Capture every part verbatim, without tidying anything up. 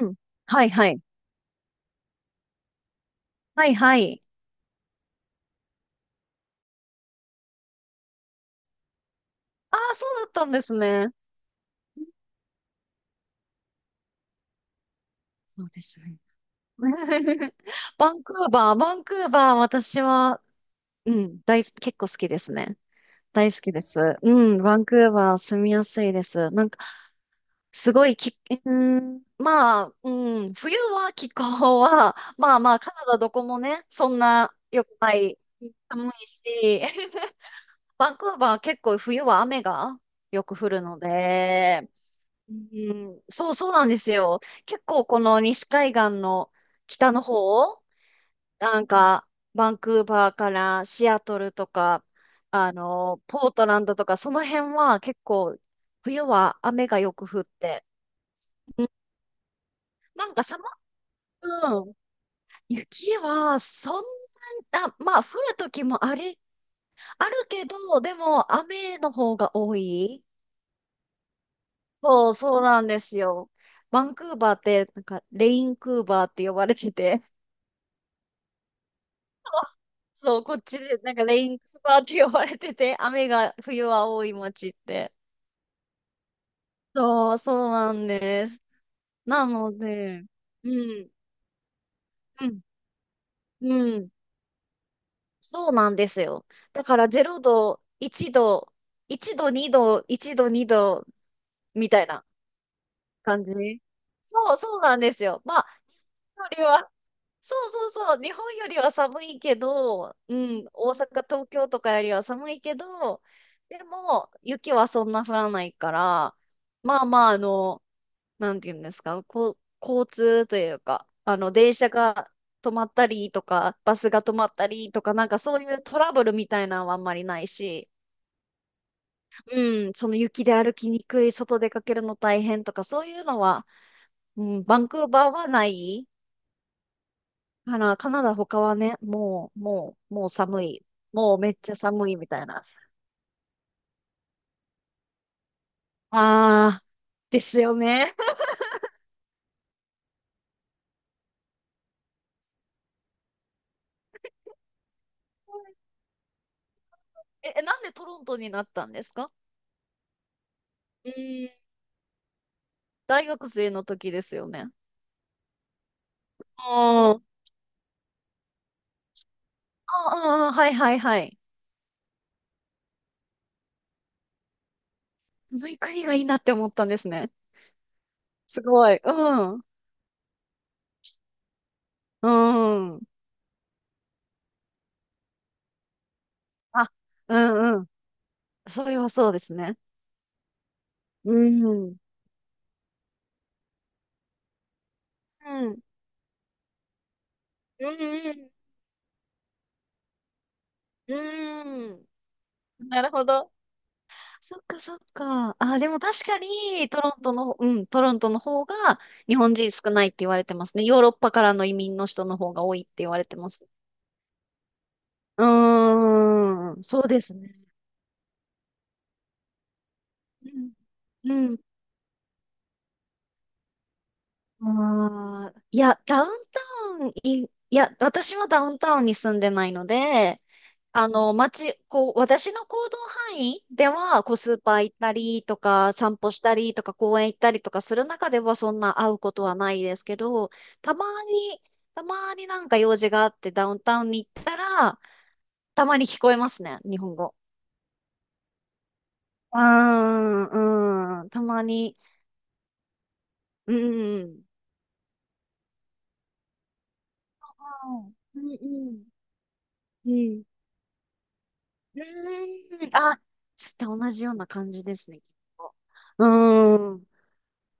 うん。はいはい。はいはい。ああ、そうだったんですね。そうですね。バンクーバー、バンクーバー、私は、うん、大好、結構好きですね。大好きです。うん、バンクーバー住みやすいです。なんか、すごいき、うん、まあ、うん、冬は気候は、まあまあ、カナダどこもね、そんな良くない、寒いし、バンクーバー結構冬は雨がよく降るので、うん、そうそうなんですよ。結構この西海岸の北の方、なんかバンクーバーからシアトルとか、あの、ポートランドとか、その辺は結構冬は雨がよく降って、うんなんか寒く、うん雪はそんな、まあ降る時もあり、あるけど、でも雨の方が多い。そうそうなんですよ。バンクーバーって、なんかレインクーバーって呼ばれてて、そう、こっちで、なんかレインカバーって呼ばれてて、雨が冬は多い町って。そう、そうなんです。なので、うん、うん、うん、そうなんですよ。だかられいど、いちど、いちど、にど、いちど、にど、みたいな感じ。そう、そうなんですよ。まあ、よりは、そうそうそう、日本よりは寒いけど、うん、大阪、東京とかよりは寒いけど、でも、雪はそんな降らないから、まあまあ、あの、なんていうんですか、こう、交通というか、あの、電車が止まったりとか、バスが止まったりとか、なんかそういうトラブルみたいなのはあんまりないし、うん、その雪で歩きにくい、外出かけるの大変とか、そういうのは、うん、バンクーバーはないから、カナダ他はね、もう、もう、もう寒い。もうめっちゃ寒いみたいな。あー、ですよね。え、えなんでトロントになったんですか？うーん。大学生の時ですよね。あー、ああ、あーはいはいはい。ずういう国がいいなって思ったんですね。すごい。うん。うん。あ、うんうん。それはそうですね。うん。うん。うんうん。うん。なるほど。そっかそっか。あ、でも確かに、トロントの、うん、トロントの方が日本人少ないって言われてますね。ヨーロッパからの移民の人の方が多いって言われてます。うーん、そうですね。うん、あーいや、ダウンタウンい、いや、私はダウンタウンに住んでないので、あの、街、こう、私の行動範囲では、こう、スーパー行ったりとか、散歩したりとか、公園行ったりとかする中では、そんな会うことはないですけど、たまに、たまになんか用事があってダウンタウンに行ったら、たまに聞こえますね、日本語。うーん、うん、たまに、うん、うん、うん、うん、うん、うーん。あ、して、同じような感じですね、きっと。うーん。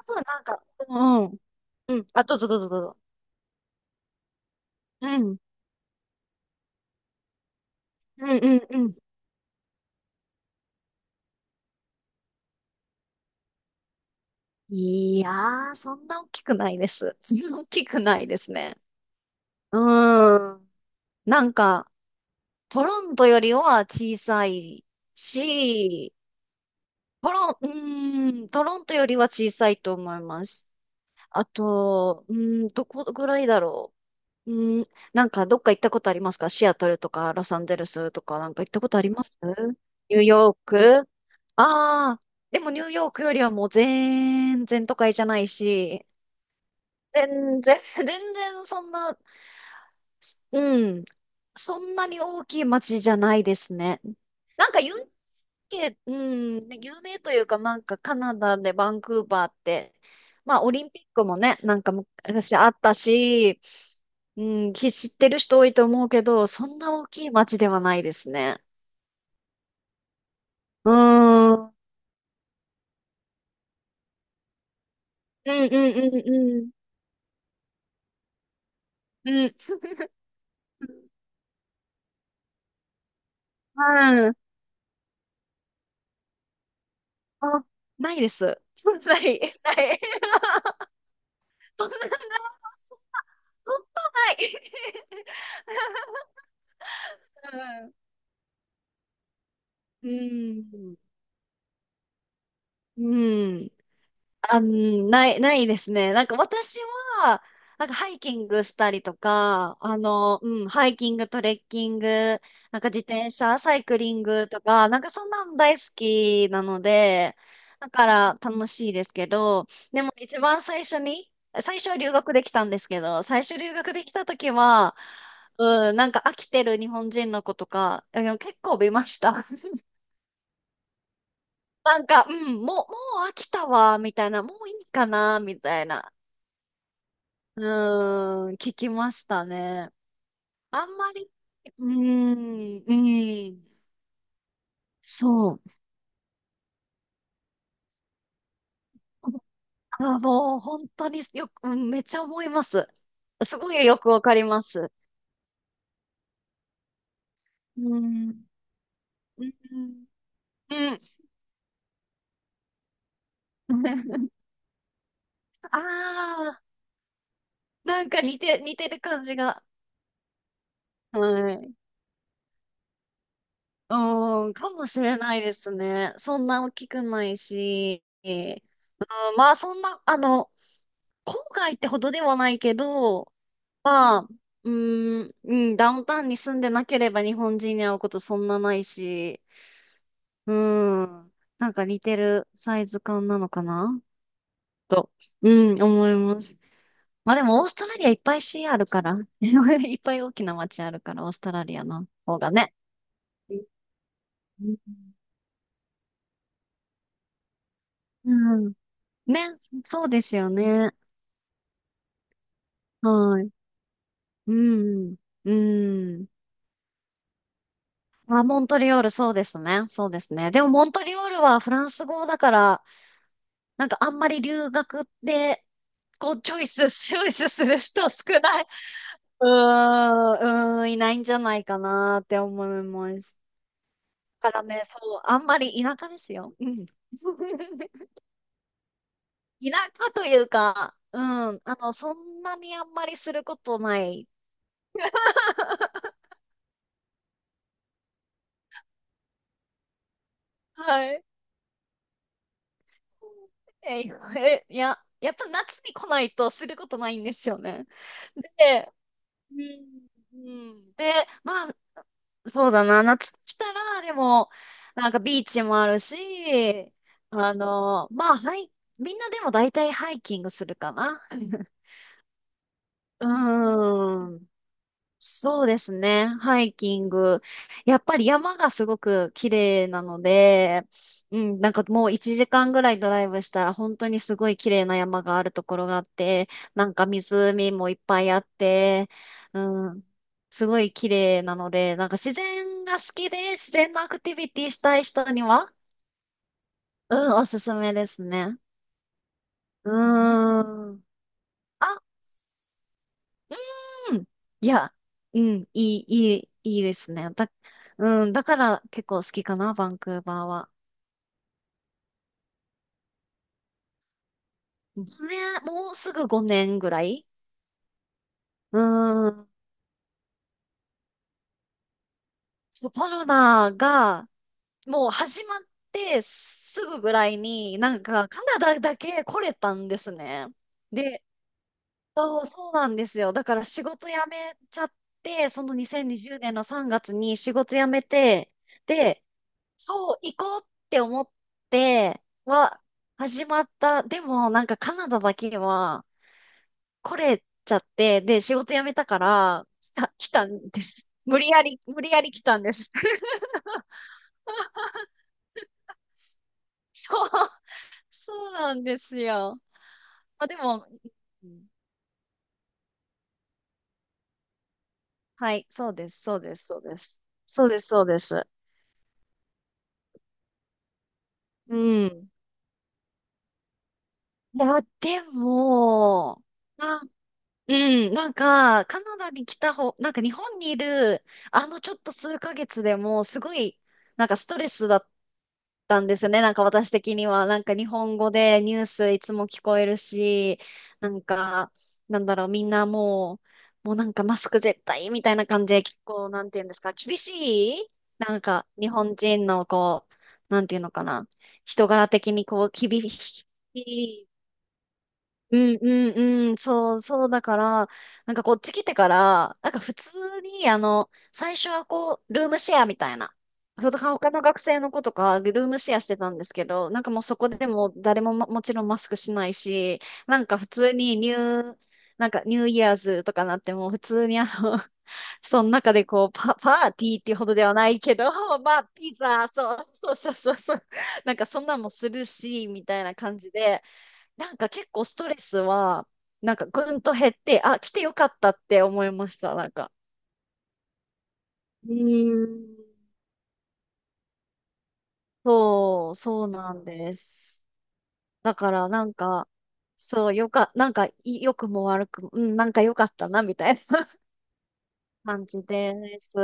あとはなんか、うんうん。うん。あ、どうぞどうぞどうぞ。うん。うんうんうん。いやー、そんな大きくないです。そんな大きくないですね。うーん。なんか、トロントよりは小さいし、トロン、うーん、トロントよりは小さいと思います。あと、うーん、どこぐらいだろう。うん、なんかどっか行ったことありますか？シアトルとかロサンゼルスとかなんか行ったことありますニューヨーク。ああ、でもニューヨークよりはもう全然都会じゃないし、全然、全然そんな、うん、そんなに大きい街じゃないですね。なんかユンけ、うん、で有名というか、なんかカナダでバンクーバーって、まあオリンピックもね、なんか昔あったし、うん、き知ってる人多いと思うけど、そんな大きい街ではないですね。うーん、うんうんうんうんうん、うん、うん、あ、ないです。ない、ない。そんな、そんな、そんなない。うん、うん、うん。あ、んない、ないですね。なんか私は、なんかハイキングしたりとか、あの、うん、ハイキング、トレッキング、なんか自転車、サイクリングとか、なんかそんなん大好きなので、だから楽しいですけど、でも一番最初に、最初は留学できたんですけど、最初留学できた時は、うん、なんか飽きてる日本人の子とか、あの結構見ました。なんか、うん、もう、もう飽きたわ、みたいな、もういいかな、みたいな。うーん、聞きましたね。あんまり、うーん、うん、そう。あ、もう本当によく、うんめっちゃ思います。すごいよくわかります。うん、うん、うん。ああ、なんか似て、似てる感じが。はい。うん、かもしれないですね。そんな大きくないし。まあ、そんな、あの、郊外ってほどではないけど、まあ、うーん、うん、ダウンタウンに住んでなければ日本人に会うことそんなないし、うーん、なんか似てるサイズ感なのかなと、うん、思います。まあでもオーストラリアいっぱい市あるから、いっぱい大きな街あるから、オーストラリアの方がね。うんうん。ね、そうですよね。はい。うん。うん。あ、モントリオール、そうですね。そうですね。でも、モントリオールはフランス語だから、なんかあんまり留学で、こう、チョイス、チョイスする人少ない。うーん、うーん、いないんじゃないかなって思います。だからね、そう、あんまり田舎ですよ。うん。田舎というか、うん、あの、そんなにあんまりすることない。はい。え、え、いや、やっぱ夏に来ないとすることないんですよね。で、うん。うんで、まあ、そうだな、夏来たら、でも、なんかビーチもあるし、あの、まあ、はい、みんなでも大体ハイキングするかな。うん。そうですね。ハイキング。やっぱり山がすごく綺麗なので、うん、なんかもういちじかんぐらいドライブしたら本当にすごい綺麗な山があるところがあって、なんか湖もいっぱいあって、うん、すごい綺麗なので、なんか自然が好きで自然のアクティビティしたい人には、うん、おすすめですね。うーん。あ、うんうん。いや、うん、いい、いい、いいですね。だ、うん、だから結構好きかな、バンクーバーは。ごねん、もうすぐごねんぐらい。うん。そうコロナが、もう始まってすぐぐらいに、なんかカナダだけ来れたんですね。で、そう、そうなんですよ。だから仕事辞めちゃって、そのにせんにじゅうねんのさんがつに仕事辞めて、で、そう、行こうって思っては始まった。でもなんかカナダだけは来れちゃって、で、仕事辞めたから来た、来たんです。無理やり、無理やり来たんです。そう、そうなんですよ。まあでも、うん、はい、そうです、そうです、そうです。そうです、そうです。うん。いや、でも、まあうん、なんか、カナダに来た方、なんか日本にいる、あのちょっと数ヶ月でも、すごい、なんかストレスだったんですよね。なんか私的には、なんか日本語でニュースいつも聞こえるし、なんか、なんだろう、みんなもう、もうなんかマスク絶対みたいな感じで、結構、なんていうんですか、厳しい。なんか、日本人のこう、なんていうのかな、人柄的にこう、厳しい。うんうんうん、そう、そうだから、なんかこっち来てから、なんか普通に、あの、最初はこう、ルームシェアみたいな。ほ他の学生の子とか、ルームシェアしてたんですけど、なんかもうそこでもう誰もまもちろんマスクしないし、なんか普通にニュー、なんかニューイヤーズとかなってもう普通にあの、その中でこう、パ、パーティーっていうほどではないけど、まあ、ピザ、そう、そうそうそうそう、なんかそんなんもするし、みたいな感じで、なんか結構ストレスは、なんかぐんと減って、あ、来てよかったって思いました、なんか。うーん。そう、そうなんです。だからなんか、そう、よか、なんか、い良くも悪くも、うん、なんか良かったな、みたいな 感じです。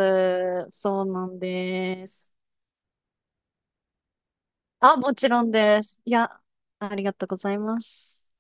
そうなんです。あ、もちろんです。いや、ありがとうございます。